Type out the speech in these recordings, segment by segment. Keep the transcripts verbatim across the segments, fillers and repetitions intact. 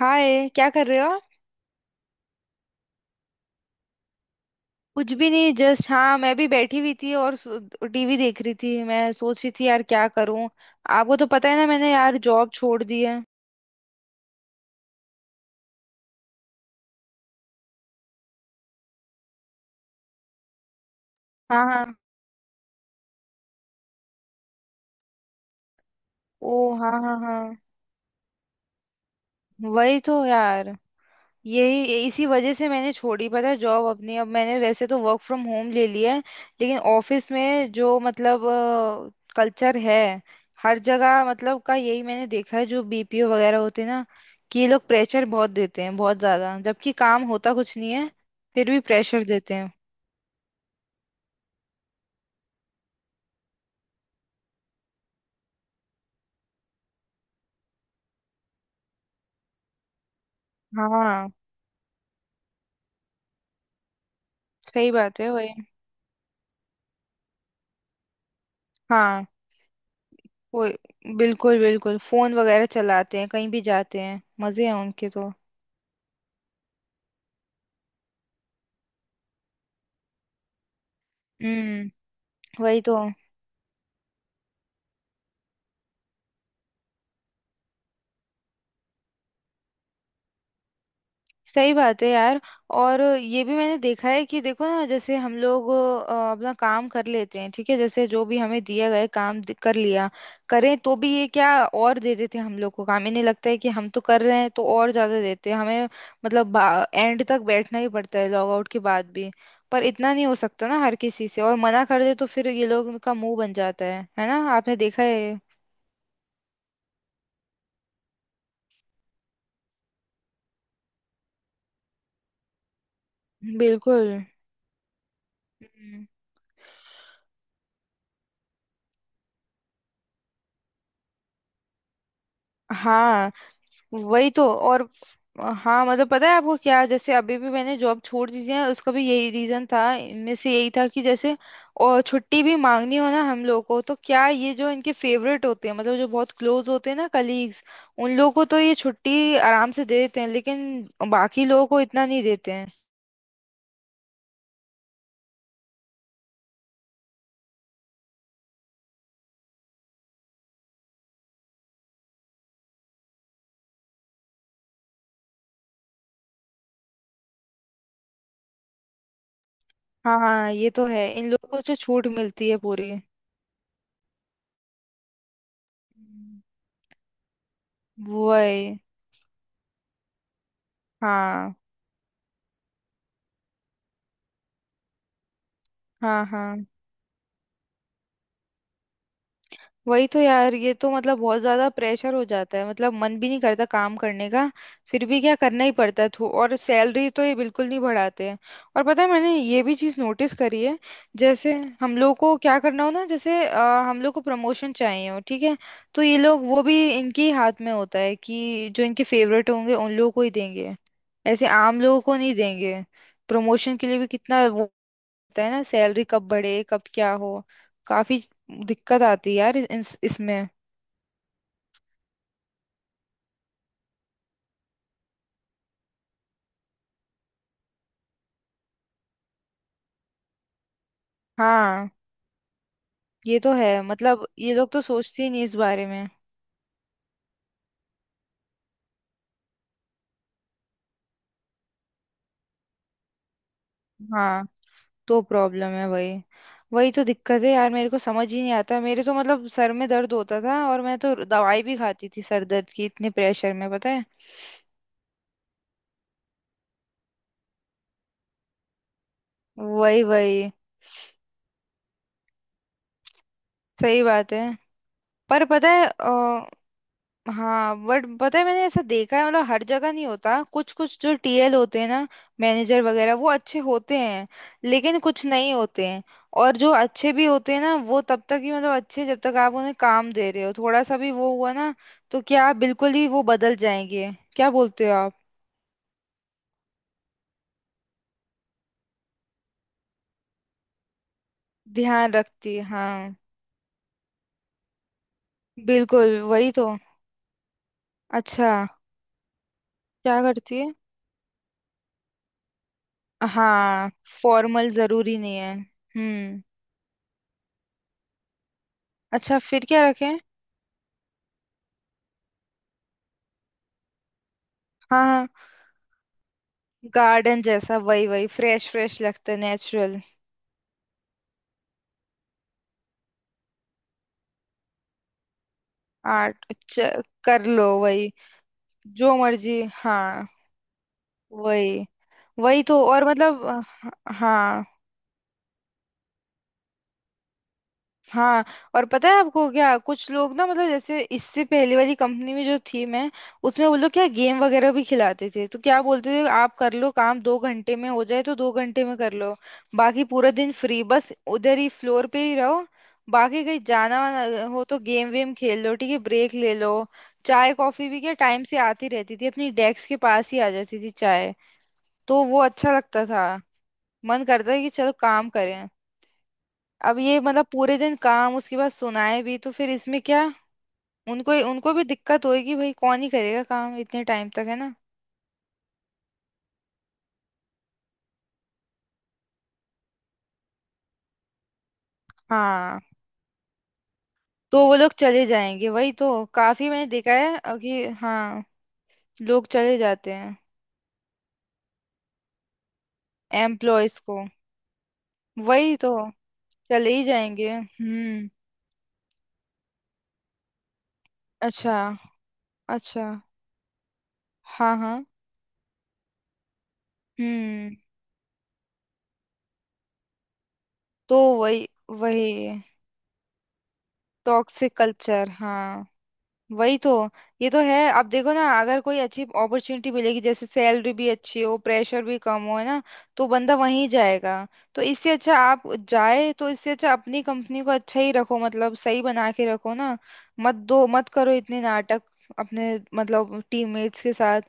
हाय क्या कर रहे हो आप? कुछ भी नहीं जस्ट, हाँ मैं भी बैठी हुई थी और टीवी देख रही थी। मैं सोच रही थी यार क्या करूं। आपको तो पता है ना, मैंने यार जॉब छोड़ दी है। हाँ हाँ। ओ, हाँ हाँ हाँ। वही तो यार। यही, इसी वजह से मैंने छोड़ी पता है जॉब अपनी। अब मैंने वैसे तो वर्क फ्रॉम होम ले लिया है, लेकिन ऑफिस में जो मतलब कल्चर है, हर जगह मतलब का यही मैंने देखा है, जो बीपीओ वगैरह होते हैं ना, कि ये लोग प्रेशर बहुत देते हैं, बहुत ज्यादा, जबकि काम होता कुछ नहीं है। फिर भी प्रेशर देते हैं। हाँ, सही बात है, वही। हाँ वो, बिल्कुल बिल्कुल फोन वगैरह चलाते हैं, कहीं भी जाते हैं, मजे हैं उनके तो। हम्म, वही तो। सही बात है यार। और ये भी मैंने देखा है कि देखो ना, जैसे हम लोग अ, अपना काम कर लेते हैं, ठीक है, जैसे जो भी हमें दिया गया काम दि- कर लिया करें, तो भी ये क्या, और दे देते हैं हम लोग को काम। इन्हें लगता है कि हम तो कर रहे हैं तो और ज्यादा देते हैं हमें। मतलब एंड तक बैठना ही पड़ता है, लॉग आउट के बाद भी। पर इतना नहीं हो सकता ना हर किसी से, और मना कर दे तो फिर ये लोग का मुंह बन जाता है है ना, आपने देखा है। बिल्कुल। हम्म। हाँ, वही तो। और अ, हाँ मतलब, पता है आपको क्या, जैसे अभी भी मैंने जॉब छोड़ दी है, उसका भी यही रीजन था, इनमें से यही था कि जैसे, और छुट्टी भी मांगनी हो ना हम लोग को तो क्या, ये जो इनके फेवरेट होते हैं, मतलब जो बहुत क्लोज होते हैं ना कलीग्स, उन लोगों को तो ये छुट्टी आराम से दे देते हैं, लेकिन बाकी लोगों को इतना नहीं देते हैं। हाँ हाँ, ये तो है, इन लोगों को जो छूट मिलती है पूरी। वही। हाँ हाँ हाँ। वही तो यार, ये तो मतलब बहुत ज्यादा प्रेशर हो जाता है, मतलब मन भी नहीं करता काम करने का। फिर भी क्या, करना ही पड़ता है तो। और सैलरी तो ये बिल्कुल नहीं बढ़ाते हैं। और पता है, मैंने ये भी चीज नोटिस करी है, जैसे हम लोग को क्या करना हो ना, जैसे अ, हम लोग को प्रमोशन चाहिए हो, ठीक है, तो ये लोग, वो भी इनके ही हाथ में होता है कि जो इनके फेवरेट होंगे उन लोगों को ही देंगे, ऐसे आम लोगों को नहीं देंगे। प्रमोशन के लिए भी कितना होता है ना, सैलरी कब बढ़े, कब क्या हो, काफी दिक्कत आती है यार इस, इसमें। हाँ ये तो है, मतलब ये लोग तो सोचते ही नहीं इस बारे में। हाँ, तो प्रॉब्लम है वही। वही तो दिक्कत है यार, मेरे को समझ ही नहीं आता मेरे तो, मतलब सर में दर्द होता था और मैं तो दवाई भी खाती थी सर दर्द की, इतने प्रेशर में पता है। वही वही। सही बात है। पर पता है अ, हाँ बट, पता है मैंने ऐसा देखा है, मतलब हर जगह नहीं होता, कुछ कुछ जो टीएल होते हैं ना, मैनेजर वगैरह, वो अच्छे होते हैं, लेकिन कुछ नहीं होते हैं। और जो अच्छे भी होते हैं ना, वो तब तक ही मतलब अच्छे, जब तक आप उन्हें काम दे रहे हो, थोड़ा सा भी वो हुआ ना, तो क्या बिल्कुल ही वो बदल जाएंगे। क्या बोलते हो आप? ध्यान रखती है, हाँ। बिल्कुल, वही तो। अच्छा, क्या करती है? हाँ, फॉर्मल जरूरी नहीं है। हम्म। अच्छा, फिर क्या रखें? हाँ हाँ, गार्डन जैसा, वही वही, फ्रेश फ्रेश लगता है, नेचुरल। आर्ट च- कर लो, वही। जो मर्जी, हाँ। वही। वही तो, और मतलब अ, हाँ। हाँ। और पता है आपको क्या, कुछ लोग ना, मतलब जैसे इससे पहले वाली कंपनी में जो थी मैं, उसमें वो लोग क्या, गेम वगैरह भी खिलाते थे, तो क्या बोलते थे, आप कर लो काम, दो घंटे में हो जाए तो दो घंटे में कर लो। बाकी पूरा दिन फ्री, बस उधर ही फ्लोर पे ही रहो। बाकी कहीं जाना वाना हो तो गेम वेम खेल लो, ठीक है, ब्रेक ले लो। चाय कॉफी भी क्या टाइम से आती रहती थी, अपनी डेस्क के पास ही आ जाती थी चाय, तो वो अच्छा लगता था। मन करता है कि चलो काम करें। अब ये मतलब पूरे दिन काम, उसके बाद सुनाए भी, तो फिर इसमें क्या। उनको, उनको भी दिक्कत होगी भाई, कौन ही करेगा काम इतने टाइम तक, है ना। हाँ, तो वो लोग चले जाएंगे, वही तो, काफी मैंने देखा है अ, कि हाँ, लोग चले जाते हैं। एम्प्लॉयज को, वही तो चले ही जाएंगे। हम्म। अच्छा अच्छा। हाँ हाँ। हम्म। तो वही वही। टॉक्सिक कल्चर, हाँ, वही तो। ये तो है, अब देखो ना, अगर कोई अच्छी अपॉर्चुनिटी मिलेगी, जैसे सैलरी भी अच्छी हो, प्रेशर भी कम हो, है ना, तो बंदा वहीं जाएगा। तो इससे अच्छा आप, जाए तो इससे अच्छा अपनी कंपनी को अच्छा ही रखो, मतलब सही बना के रखो ना। मत दो, मत करो इतने नाटक अपने, मतलब टीममेट्स के साथ,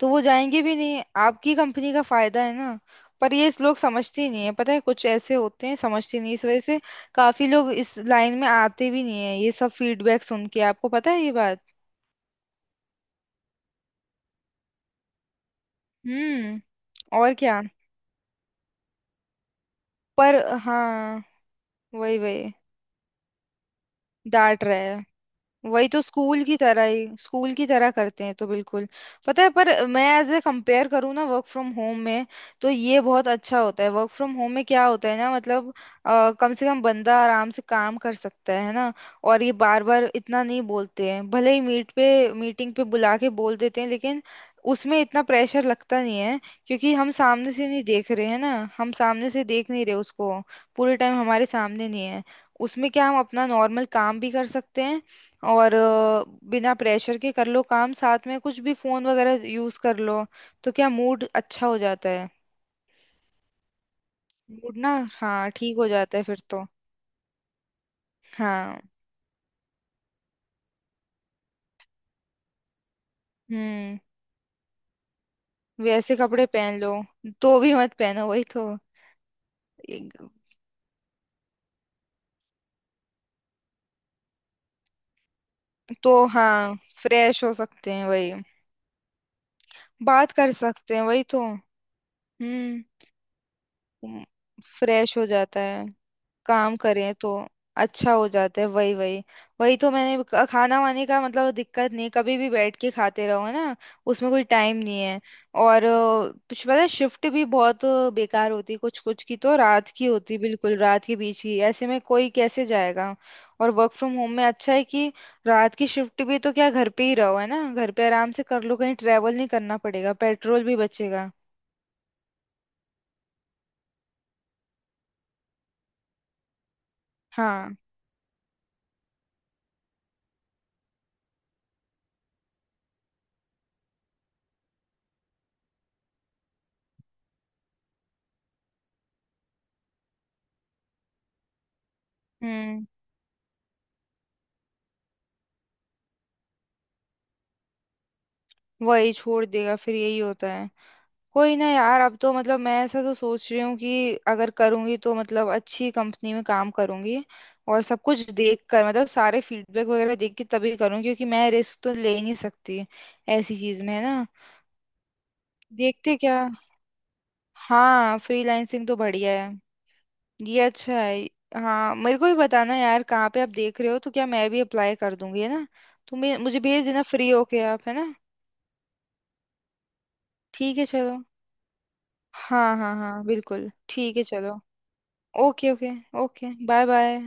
तो वो जाएंगे भी नहीं। आपकी कंपनी का फायदा है ना। पर ये इस लोग समझते ही नहीं है, पता है, कुछ ऐसे होते हैं समझते नहीं, इस वजह से काफी लोग इस लाइन में आते भी नहीं है, ये सब फीडबैक सुन के। आपको पता है ये बात? हम्म, और क्या। पर हाँ। वही वही, डांट रहे। वही तो, स्कूल की तरह ही, स्कूल की तरह करते हैं तो, बिल्कुल। पता है, पर मैं एज ए कंपेयर करूँ ना, वर्क फ्रॉम होम में तो ये बहुत अच्छा होता है। वर्क फ्रॉम होम में क्या होता है ना, मतलब अ, कम से कम बंदा आराम से काम कर सकता है है ना। और ये बार बार इतना नहीं बोलते हैं, भले ही मीट पे, मीटिंग पे बुला के बोल देते हैं, लेकिन उसमें इतना प्रेशर लगता नहीं है, क्योंकि हम सामने से नहीं देख रहे हैं ना, हम सामने से देख नहीं रहे उसको, पूरे टाइम हमारे सामने नहीं है। उसमें क्या, हम अपना नॉर्मल काम भी कर सकते हैं और अ, बिना प्रेशर के कर लो काम, साथ में कुछ भी फोन वगैरह यूज कर लो, तो क्या मूड अच्छा हो जाता है। मूड ना, हाँ ठीक हो जाता है फिर तो। हाँ। हम्म। वैसे कपड़े पहन लो, तो भी मत पहनो, वही तो। एक- तो हाँ, फ्रेश हो सकते हैं, वही। बात कर सकते हैं, वही तो। हम्म, फ्रेश हो जाता है, काम करें तो अच्छा हो जाता है, वही वही। वही तो, मैंने क- खाना वाने का मतलब दिक्कत नहीं, कभी भी बैठ के खाते रहो, है ना, उसमें कोई टाइम नहीं है। और अ, कुछ, पता है, शिफ्ट भी बहुत बेकार होती है, कुछ कुछ की तो रात की होती, बिल्कुल रात के बीच की, ऐसे में कोई कैसे जाएगा। और वर्क फ्रॉम होम में अच्छा है कि रात की शिफ्ट भी, तो क्या, घर पे ही रहो, है ना, घर पे आराम से कर लो, कहीं ट्रेवल नहीं करना पड़ेगा, पेट्रोल भी बचेगा। हाँ। हम्म। वही, छोड़ देगा, फिर यही होता है। कोई ना यार, अब तो मतलब मैं ऐसा तो सोच रही हूँ कि अगर करूंगी तो मतलब अच्छी कंपनी में काम करूंगी, और सब कुछ देख कर, मतलब सारे फीडबैक वगैरह देख के तभी करूँ, क्योंकि मैं रिस्क तो ले ही नहीं सकती ऐसी चीज में, है ना। देखते क्या। हाँ, फ्रीलांसिंग तो बढ़िया है, ये अच्छा है। हाँ, मेरे को भी बताना यार, कहाँ पे आप देख रहे हो, तो क्या मैं भी अप्लाई कर दूंगी, है ना। तो मे- मुझे भेज देना फ्री होके आप, है ना। ठीक है चलो। हाँ हाँ हाँ, बिल्कुल ठीक है, चलो। Okay okay. Okay, bye bye.